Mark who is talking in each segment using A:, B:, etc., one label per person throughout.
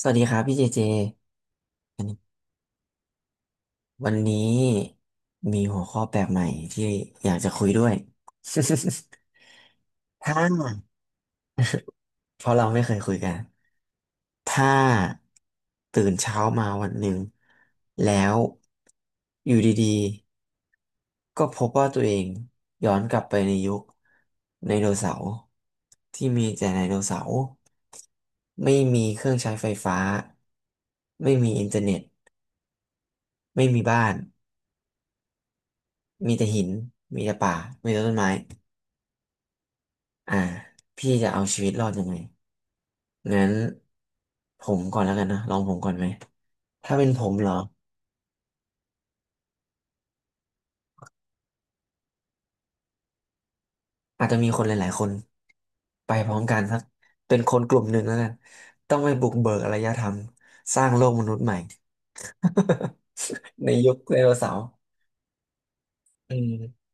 A: สวัสดีครับพี่เจเจอันนี้วันนี้มีหัวข้อแปลกใหม่ที่อยากจะคุยด้วย ถ้าเพราะเราไม่เคยคุยกันถ้าตื่นเช้ามาวันหนึ่งแล้วอยู่ดีๆก็พบว่าตัวเองย้อนกลับไปในยุคไดโนเสาร์ที่มีแต่ไดโนเสาร์ไม่มีเครื่องใช้ไฟฟ้าไม่มีอินเทอร์เน็ตไม่มีบ้าน มีแต่หินมีแต่ป่า มีแต่ต้นไม้อ่าพี่จะเอาชีวิตรอดยังไงงั้นผมก่อนแล้วกันนะลองผมก่อนไหม ถ้าเป็นผมเหรออาจจะมีคนหลายๆคนไปพร้อมกันสักเป็นคนกลุ่มหนึ่งแล้วกันต้องไปบุกเบิกอารยธรรมสร้างโลกมนุษย์ใหม่ ในยุคไดโนเสาร์อืม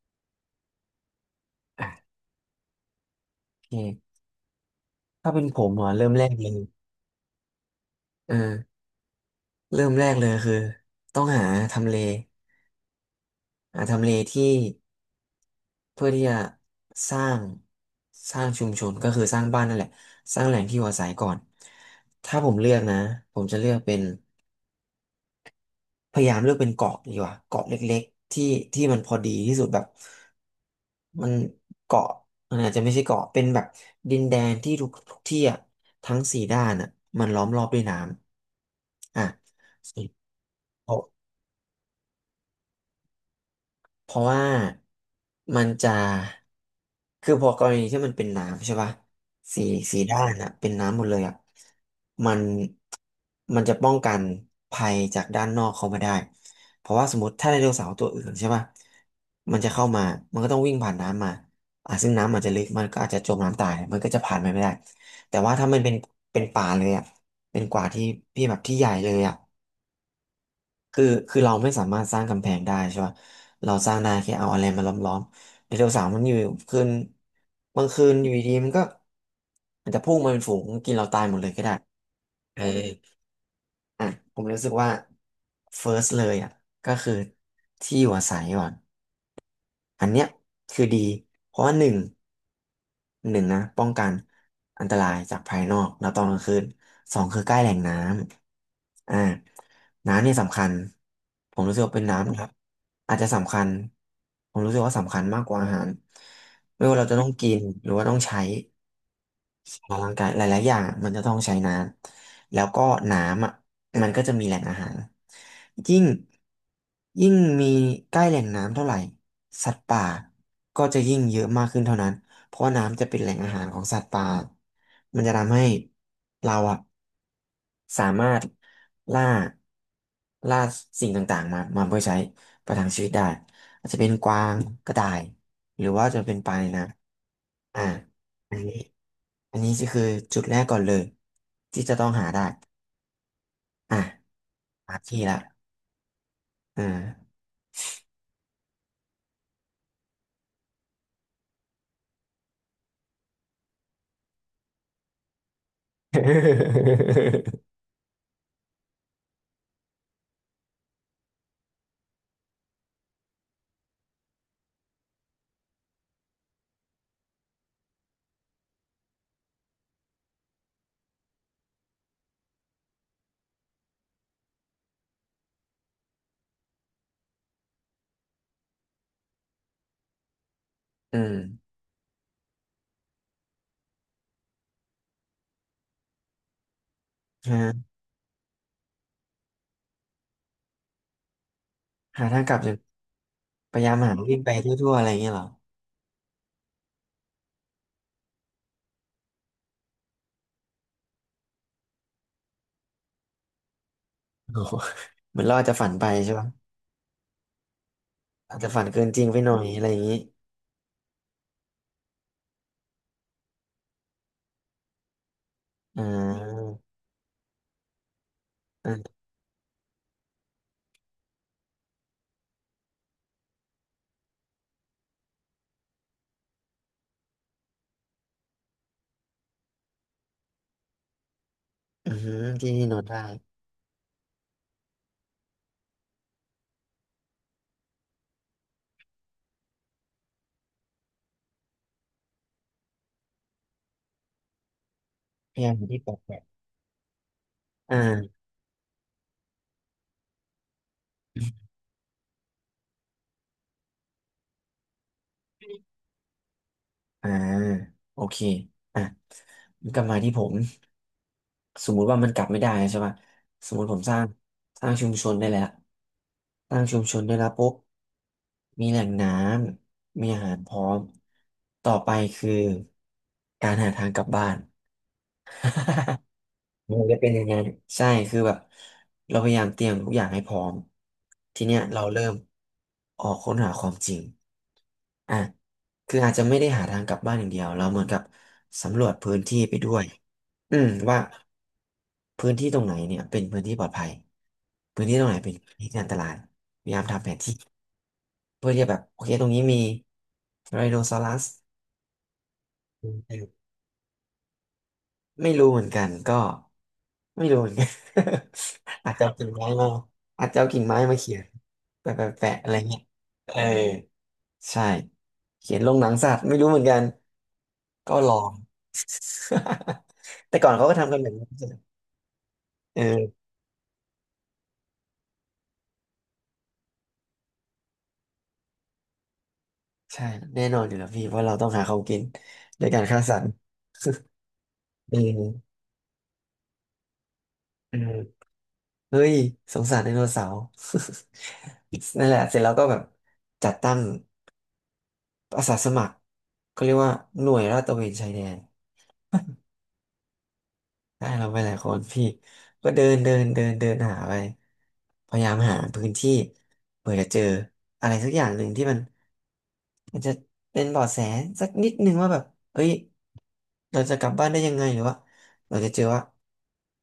A: อ่ะโอเคถ้าเป็นผมเหรอเริ่มแรกเลยเออเริ่มแรกเลยคือต้องหาทำเลหาทำเลที่ เพื่อที่จะสร้างสร้างชุมชนก็คือสร้างบ้านนั่นแหละสร้างแหล่งที่อยู่อาศัยก่อนถ้าผมเลือกนะผมจะเลือกเป็นพยายามเลือกเป็นเกาะดีกว่าเกาะเล็กๆที่มันพอดีที่สุดแบบมันเกาะมันอาจจะไม่ใช่เกาะเป็นแบบดินแดนที่ทุกที่อ่ะทั้งสี่ด้านอ่ะมันล้อมรอบด้วยน้ำอ่ะ เพราะว่ามันจะคือพอกรณีที่มันเป็นน้ำใช่ป่ะสีสีด้านอะเป็นน้ำหมดเลยอ่ะมันมันจะป้องกันภัยจากด้านนอกเข้ามาได้เพราะว่าสมมติถ้าไดโนเสาร์ตัวอื่นใช่ป่ะมันจะเข้ามามันก็ต้องวิ่งผ่านน้ำมาอ่ะซึ่งน้ำอาจจะลึกมันก็อาจจะจมน้ำตายมันก็จะผ่านไปไม่ได้แต่ว่าถ้ามันเป็นป่าเลยอ่ะเป็นกว่าที่พี่แบบที่ใหญ่เลยอะ คือคือเราไม่สามารถสร้างกำแพงได้ใช่ป่ะเราสร้างได้แค่เอาอะไรมาล้อมๆไดโนเทวสาวมันอยู่คืนบางคืนอยู่ดีๆมันก็อาจจะพุ่งมาเป็นฝูงกินเราตายหมดเลยก็ได้เอออ่ะผมรู้สึกว่า first เลยอ่ะก็คือที่อยู่อาศัยก่อนอันเนี้ยคือดีเพราะว่าหนึ่ง หนึ่งนะป้องกันอันตรายจากภายนอกแล้วตอนกลางคืนสองคือใกล้แหล่งน้ำอ่าน้ำเนี่ยสำคัญผมรู้สึกว่าเป็นน้ำนะครับอาจจะสำคัญผมรู้สึกว่าสำคัญมากกว่าอาหารไม่ว่าเราจะต้องกินหรือว่าต้องใช้ ออกกำลังกายหลายๆอย่างมันจะต้องใช้น้ำแล้วก็น้ำอ่ะมันก็จะมีแหล่งอาหารยิ่งยิ่งมีใกล้แหล่งน้ำเท่าไหร่สัตว์ป่าก็จะยิ่งเยอะมากขึ้นเท่านั้นเพราะว่าน้ำจะเป็นแหล่งอาหารของสัตว์ป่ามันจะทำให้เราอ่ะสามารถล่าล่าสิ่งต่างๆมาเพื่อใช้ประทังชีวิตได้อาจจะเป็นกวางกระต่ายหรือว่าจะเป็นปลาในน้ำอ่าอันนี้ อันนี้ก็คือจุดแรกก่อนเลยที่จะต้องหาได้อ่ะหาที่ละอ่า อืมฮะหาทางกลับจะพยายามหาวิ่งไปทั่วๆอะไรอย่างเงี้ยเหรอโอ้โหเหมือนเราอาจจะฝันไปใช่ปะอาจจะฝันเกินจริงไปหน่อยอะไรอย่างงี้อ่าอ่าอือหือที่ที่นอนได้พยายามหาที่แปลกๆอ่า อ่าโอเคอ่ะกลับมาที่ผมสมมุติว่ามันกลับไม่ได้ใช่ป่ะสมมุติผมสร้างสร้างชุมชนได้แล้วสร้างชุมชนได้แล้วปุ๊บมีแหล่งน้ำมีอาหารพร้อมต่อไปคือการหาทางกลับบ้าน มันจะเป็นอย่างนั้นใช่คือแบบเราพยายามเตรียมทุกอย่างให้พร้อมทีเนี้ยเราเริ่มออกค้นหาความจริงอ่ะคืออาจจะไม่ได้หาทางกลับบ้านอย่างเดียวเราเหมือนกับสำรวจพื้นที่ไปด้วยอืมว่าพื้นที่ตรงไหนเนี่ยเป็นพื้นที่ปลอดภัยพื้นที่ตรงไหนเป็นพื้นที่ที่อันตรายพยายามทำแผนที่เพื่อที่จะแบบโอเคตรงนี้มีไดโนซอรัส ไม่รู้เหมือนกันก็ไม่รู้เหมือนกัน อาจจะเอากิ่งไม้มาอาจจะเอากิ่งไม้มาเขียนแปะแปะแปะอะไรเงี้ยเออใช่เขียนลงหนังสัตว์ไม่รู้เหมือนกันก็ลอง แต่ก่อนเขาก็ทำกันแบบนี้เออใช่แน่นอนอยู่แล้วพี่เพราะเราต้องหาของกินด้วยการฆ่าสัตว์ เออเออเฮ้ยสงสารไดโนเสาร์ นั่นแหละเสร็จแล้วก็แบบจัดตั้ง อาสาสมัครเขาเรียกว่าหน่วยลาดตระเวนชายแดน ได้เราไปหลายคนพี่ก็เดินเดินเดินเดินหาไปพยายามหาพื้นที่เผื่อจะเจออะไรสักอย่างหนึ่งที่มันจะเป็นเบาะแสสักนิดนึงว่าแบบเฮ้ยเราจะกลับบ้านได้ยังไงหรือว่าเราจะเจอว่า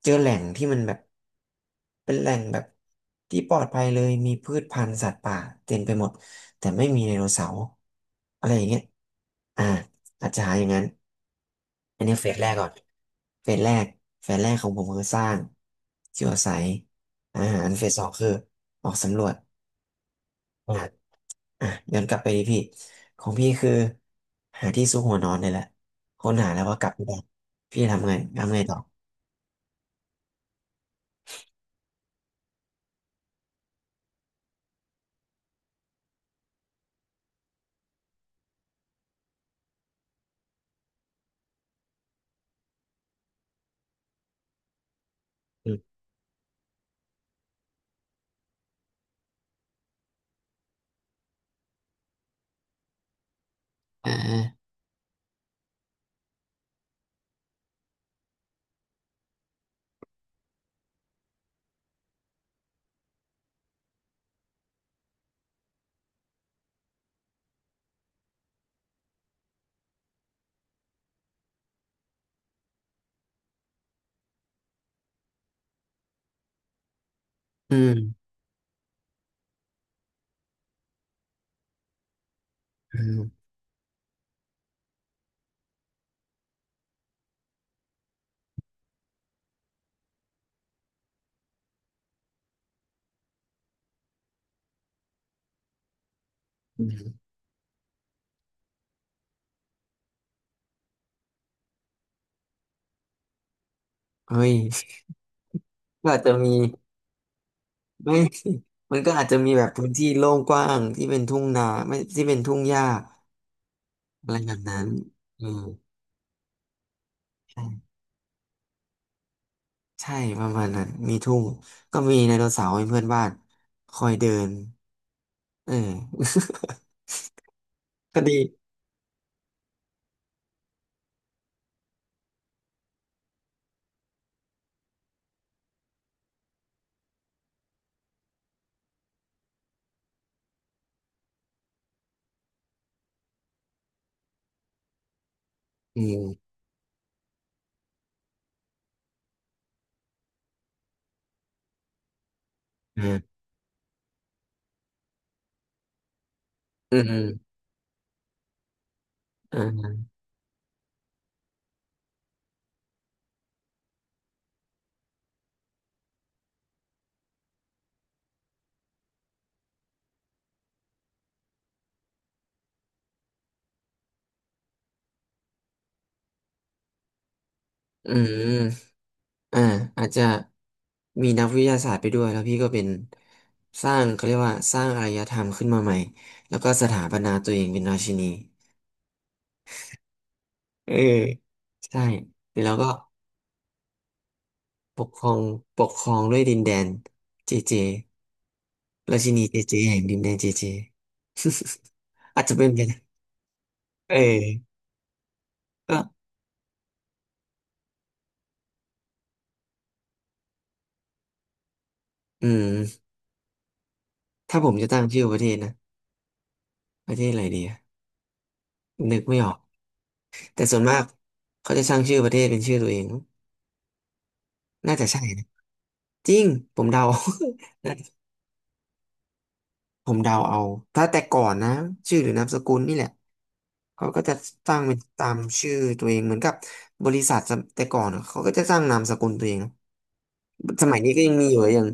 A: เจอแหล่งที่มันแบบเป็นแหล่งแบบที่ปลอดภัยเลยมีพืชพันธุ์สัตว์ป่าเต็มไปหมดแต่ไม่มีไดโนเสาร์อะไรอย่างเงี้ยอ่าอาจจะหาอย่างนั้น อันนี้เฟสแรกก่อน เฟสแรกเฟสแรกของผมคือสร้างที่อยู่อาศัยอาหารเฟสสองคือออกสำรวจอหาอ่ะย้อนกลับไปดีพี่ ของพี่คือหาที่ซุกหัวนอนนี่แหละค้นหาแล้วก็กลับไม่ได้พี่ทำไงต่ออืมอ่าอืมอืมอืมเฮ้ยก็อาจจะมีไม่ มันก็อาจจะมีแบบพื้นที่โล่งกว้างที่เป็นทุ่งนาไม่ที่เป็นทุ่งหญ้าอะไรแบบนั้นอืม ใช่ประมาณนั้นมีทุ่งก็มีไดโนเสาร์เป็นเพื่อนบ้านคอยเดินเออ ก็ดีอืมอืมอืมอืมอืมอ่า อาจจะมีนักวิทยาศาสตร์ไปด้วย แล้วพี่ก็เป็นสร้าง เขาเรียกว่าสร้างอารยธรรมขึ้นมาใหม่ แล้วก็สถาปนาตัวเองเป็นราชินีเออใช่เสร็จแล้วก็ปกครอง ปกครองด้วยดินแดนเจเจราชินีเจเจแห่งดินแดนเจเจ อาจจะเป็นไปได้ เออก็อืมถ้าผมจะตั้งชื่อประเทศนะประเทศอะไรดีอะนึกไม่ออกแต่ส่วนมากเขาจะตั้งชื่อประเทศเป็นชื่อตัวเองน่าจะใช่นะ จริง ผมเดา น่าจะผมเดาเอา ถ้าแต่ก่อนนะชื่อหรือนามสกุลนี่แหละ เขาก็จะตั้งเป็นตามชื่อตัวเองเหมือนกับบริษัทสมแต่ก่อนอะเขาก็จะตั้งนามสกุลตัวเองนะสมัยนี้ก็ยังมีอยู่อย่าง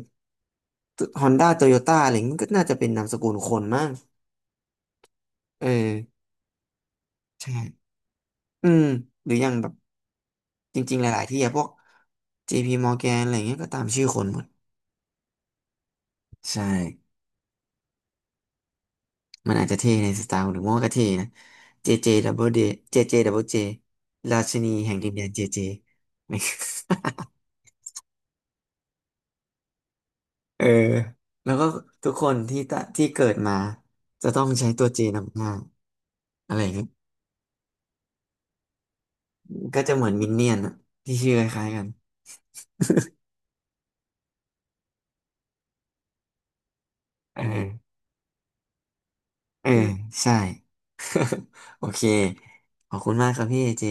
A: ฮอนด้าโตโยต้าอะไรอย่างงี้มันก็น่าจะเป็นนามสกุลคนมากเออใช่อืมหรืออย่างแบบ จริงๆหลายๆที่อะพวก JP Morgan อะไรเงี้ยก็ตามชื่อคนหมดใช่ มันอาจจะเท่ในสไตล์หรือว่าก็เท่นะ JJ Double J JJ Double J ราชินีแห่งดินแดน JJ เจ เออแล้วก็ทุกคนที่ตะที่เกิดมาจะต้องใช้ตัว J นำหน้าอะไรอย่างเงี้ยก็จะเหมือนมินเนี่ยนอะที่ชื่อคล้ายๆกันเออเออใช่ โอเคขอบคุณมากครับพี่เจ